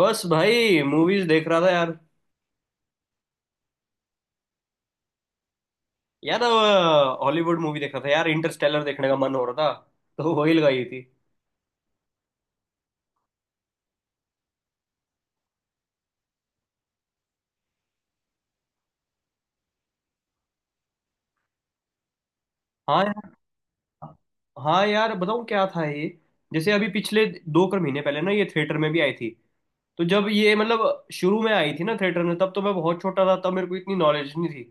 बस भाई मूवीज देख रहा था यार। यार हॉलीवुड मूवी देख रहा था यार, इंटरस्टेलर देखने का मन हो रहा था, तो वही लगाई थी। हाँ यार। हाँ यार, बताऊँ क्या था ये। जैसे अभी पिछले दो कर महीने पहले ना ये थिएटर में भी आई थी। तो जब ये मतलब शुरू में आई थी ना थिएटर में, तब तो मैं बहुत छोटा था, तब मेरे को इतनी नॉलेज नहीं थी।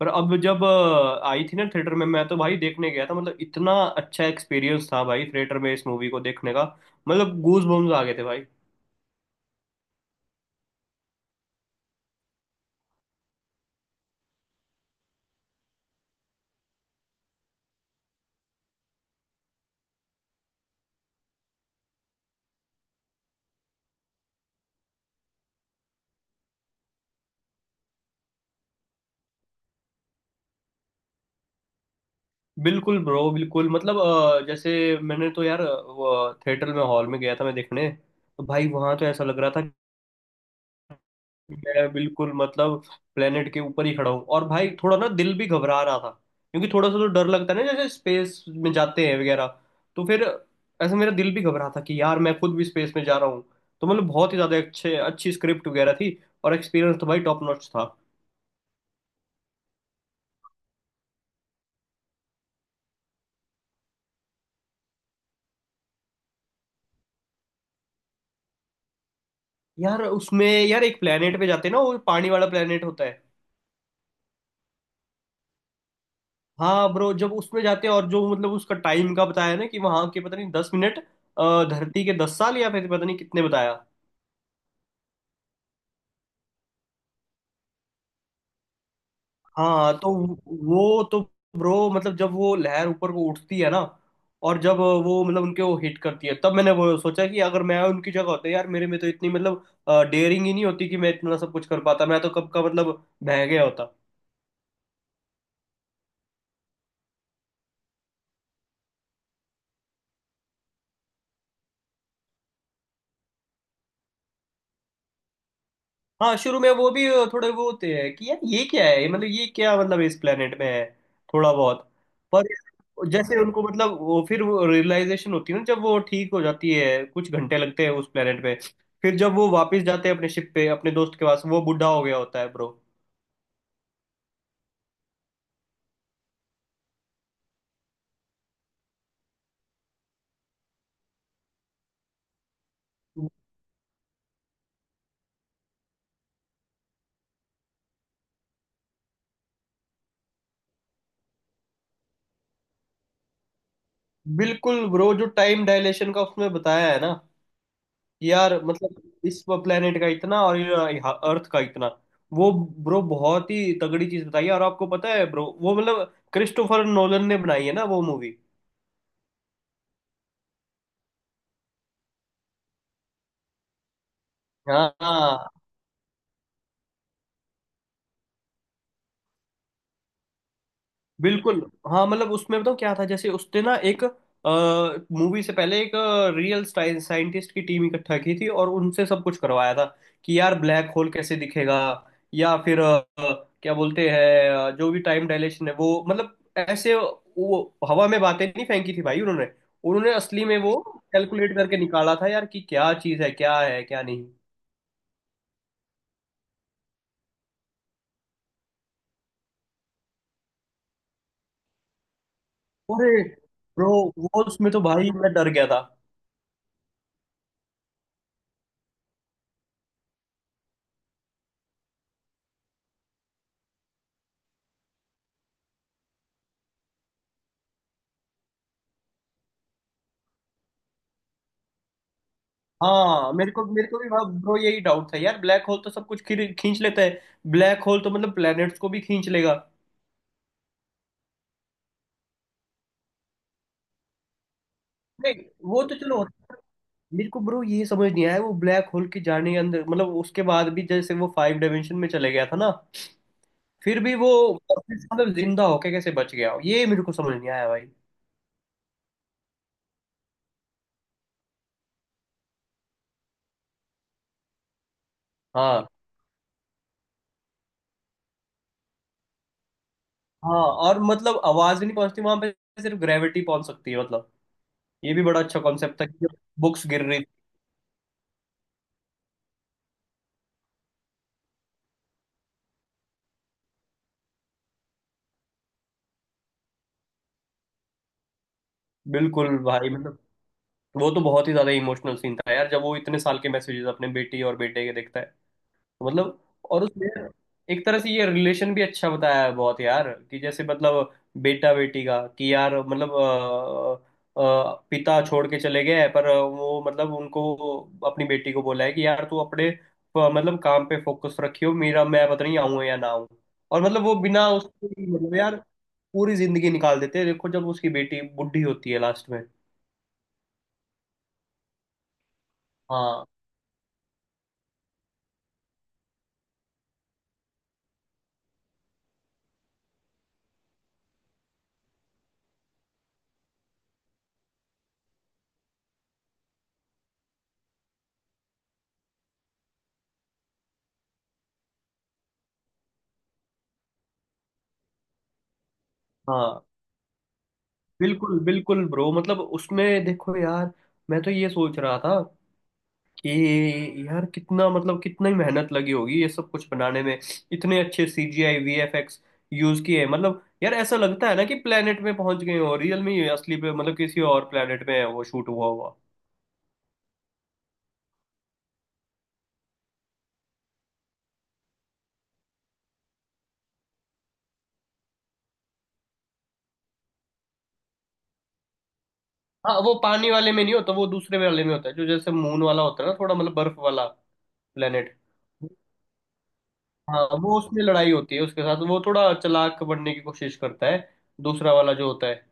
पर अब जब आई थी ना थिएटर में, मैं तो भाई देखने गया था, मतलब इतना अच्छा एक्सपीरियंस था भाई थिएटर में इस मूवी को देखने का। मतलब गूज बम्स आ गए थे भाई। बिल्कुल ब्रो, बिल्कुल मतलब जैसे मैंने तो यार वो थिएटर में हॉल में गया था मैं देखने। तो भाई वहां तो ऐसा लग रहा था कि मैं बिल्कुल मतलब प्लेनेट के ऊपर ही खड़ा हूँ, और भाई थोड़ा ना दिल भी घबरा रहा था, क्योंकि थोड़ा सा तो डर लगता है ना जैसे स्पेस में जाते हैं वगैरह। तो फिर ऐसे मेरा दिल भी घबरा था कि यार मैं खुद भी स्पेस में जा रहा हूँ। तो मतलब बहुत ही ज्यादा अच्छे अच्छी स्क्रिप्ट वगैरह थी, और एक्सपीरियंस तो भाई टॉप नॉच था। यार उसमें यार एक प्लेनेट पे जाते हैं ना, वो पानी वाला प्लेनेट होता है। हाँ ब्रो, जब उसमें जाते हैं और जो मतलब उसका टाइम का बताया ना कि वहां के पता नहीं 10 मिनट, धरती के 10 साल या फिर पता नहीं कितने बताया। हाँ तो वो तो ब्रो मतलब जब वो लहर ऊपर को उठती है ना, और जब वो मतलब उनके वो हिट करती है, तब मैंने वो सोचा कि अगर मैं उनकी जगह होता यार, मेरे में तो इतनी मतलब डेयरिंग ही नहीं होती कि मैं इतना सब कुछ कर पाता। मैं तो कब का मतलब बह गया होता। हाँ शुरू में वो भी थोड़े वो होते हैं कि यार ये क्या है, मतलब ये क्या मतलब इस planet में है, थोड़ा बहुत। पर जैसे उनको मतलब वो फिर वो रियलाइजेशन होती है ना, जब वो ठीक हो जाती है, कुछ घंटे लगते हैं उस planet पे। फिर जब वो वापस जाते हैं अपने शिप पे अपने दोस्त के पास, वो बूढ़ा हो गया होता है ब्रो। बिल्कुल ब्रो, जो टाइम डायलेशन का उसमें बताया है ना, यार मतलब इस प्लेनेट का इतना और अर्थ का इतना वो, ब्रो बहुत ही तगड़ी चीज बताई है। और आपको पता है ब्रो वो मतलब क्रिस्टोफर नोलन ने बनाई है ना वो मूवी। हाँ, बिल्कुल। हाँ मतलब उसमें बताऊँ क्या था, जैसे उसने ना एक मूवी से पहले एक रियल साइंटिस्ट की टीम इकट्ठा की थी, और उनसे सब कुछ करवाया था कि यार ब्लैक होल कैसे दिखेगा, या फिर क्या बोलते हैं जो भी टाइम डायलेशन है वो मतलब, ऐसे वो हवा में बातें नहीं फेंकी थी भाई उन्होंने उन्होंने असली में वो कैलकुलेट करके निकाला था यार कि क्या चीज़ है, क्या है क्या नहीं। अरे ब्रो, वो उसमें तो भाई मैं डर गया था। हाँ मेरे को भी ब्रो यही डाउट था यार, ब्लैक होल तो सब कुछ खींच खींच लेता है, ब्लैक होल तो मतलब प्लैनेट्स को भी खींच लेगा। नहीं, वो तो चलो, मेरे को ब्रो ये समझ नहीं आया। वो ब्लैक होल के जाने के अंदर मतलब उसके बाद भी जैसे वो 5 डायमेंशन में चले गया था ना, फिर भी वो वापस मतलब जिंदा होके कैसे बच गया, ये मेरे को समझ नहीं आया भाई। हाँ हाँ। और मतलब आवाज भी नहीं पहुंचती वहां पे, सिर्फ ग्रेविटी पहुंच सकती है, मतलब ये भी बड़ा अच्छा कॉन्सेप्ट था कि बुक्स गिर रही। बिल्कुल भाई मतलब वो तो बहुत ही ज्यादा इमोशनल सीन था यार, जब वो इतने साल के मैसेजेस अपने बेटी और बेटे के देखता है। तो मतलब और उसमें एक तरह से ये रिलेशन भी अच्छा बताया है बहुत यार, कि जैसे मतलब बेटा बेटी का, कि यार मतलब पिता छोड़ के चले गए हैं, पर वो मतलब उनको अपनी बेटी को बोला है कि यार तू अपने मतलब काम पे फोकस रखियो, मेरा मैं पता नहीं आऊं या ना आऊं। और मतलब वो बिना उसकी मतलब यार पूरी जिंदगी निकाल देते हैं, देखो जब उसकी बेटी बुढ़ी होती है लास्ट में। हाँ हाँ। बिल्कुल बिल्कुल ब्रो, मतलब उसमें देखो यार मैं तो ये सोच रहा था कि यार कितना मतलब कितना ही मेहनत लगी होगी ये सब कुछ बनाने में, इतने अच्छे सीजीआई वीएफएक्स यूज किए हैं। मतलब यार ऐसा लगता है ना कि प्लेनेट में पहुंच गए हो रियल में ही, असली पे मतलब किसी और प्लेनेट में है वो शूट हुआ हुआ। हाँ, वो पानी वाले में नहीं होता, वो दूसरे वाले में होता है जो जैसे मून वाला होता है ना, थोड़ा मतलब बर्फ वाला प्लेनेट। हाँ वो उसमें लड़ाई होती है उसके साथ, वो थोड़ा चालाक बनने की कोशिश करता है, दूसरा वाला जो होता है।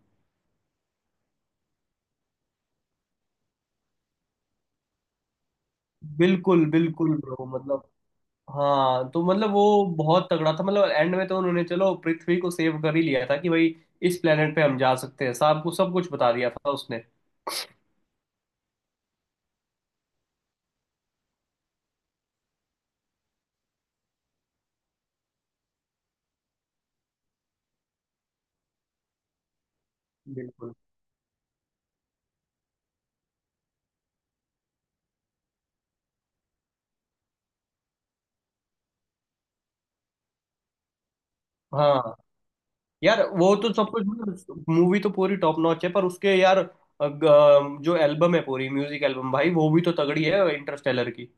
बिल्कुल बिल्कुल ब्रो मतलब। हाँ तो मतलब वो बहुत तगड़ा था, मतलब एंड में तो उन्होंने चलो पृथ्वी को सेव कर ही लिया था, कि भाई इस प्लेनेट पे हम जा सकते हैं, साहब को सब कुछ बता दिया था उसने। बिल्कुल। हाँ यार वो तो सब कुछ मतलब मूवी तो पूरी टॉप नॉच है, पर उसके यार जो एल्बम है पूरी म्यूजिक एल्बम भाई वो भी तो तगड़ी है इंटरस्टेलर की।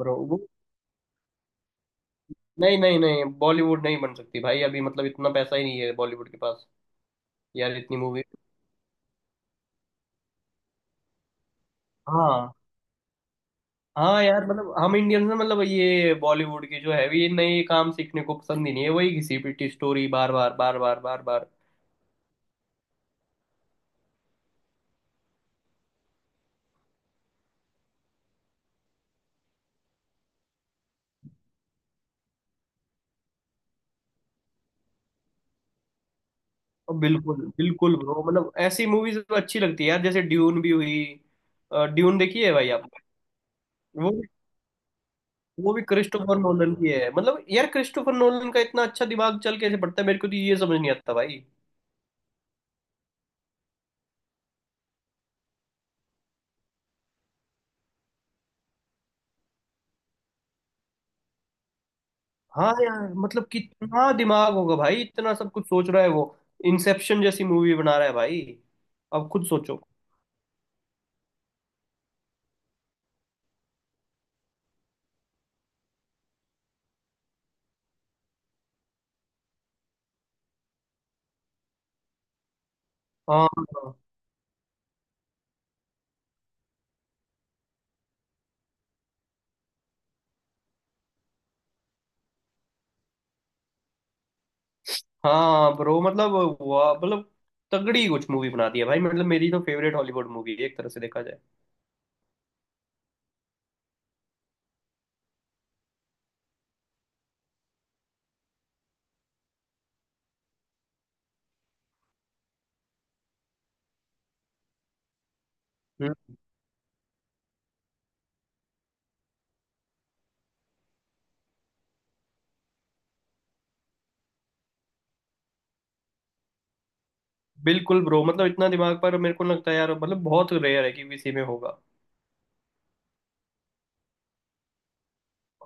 ब्रो वो नहीं नहीं नहीं, बॉलीवुड नहीं बन सकती भाई अभी, मतलब इतना पैसा ही नहीं है बॉलीवुड के पास। यार इतनी मूवी। हाँ हाँ यार मतलब हम इंडियंस ना, मतलब ये बॉलीवुड के जो है ये नए काम सीखने को पसंद ही नहीं है, वही घिसी पिटी स्टोरी बार बार बार बार बार बार। और बिल्कुल बिल्कुल ब्रो, मतलब ऐसी मूवीज अच्छी लगती है यार, जैसे ड्यून भी हुई। ड्यून देखी है भाई आप? वो वो भी क्रिस्टोफर नोलन की है, मतलब यार क्रिस्टोफर नोलन का इतना अच्छा दिमाग चल कैसे पड़ता है, मेरे को तो ये समझ नहीं आता भाई। हाँ यार मतलब कितना दिमाग होगा भाई, इतना सब कुछ सोच रहा है वो, इंसेप्शन जैसी मूवी बना रहा है भाई, अब खुद सोचो। हाँ हाँ ब्रो मतलब हुआ मतलब तगड़ी कुछ मूवी बना दी है भाई, मतलब मेरी तो फेवरेट हॉलीवुड मूवी है एक तरह से देखा जाए। हम्म। बिल्कुल ब्रो, मतलब इतना दिमाग, पर मेरे को लगता है यार मतलब बहुत रेयर है कि किसी में होगा।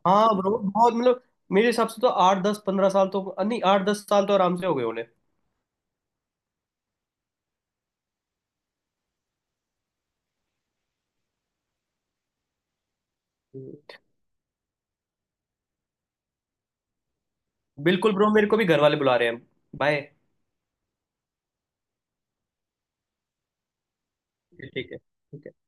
हाँ ब्रो बहुत मतलब मेरे हिसाब से तो 8-10-15 साल तो नहीं, 8-10 साल तो आराम से हो गए उन्हें। हम्म। बिल्कुल ब्रो, मेरे को भी घर वाले बुला रहे हैं। बाय। ठीक है। ठीक है।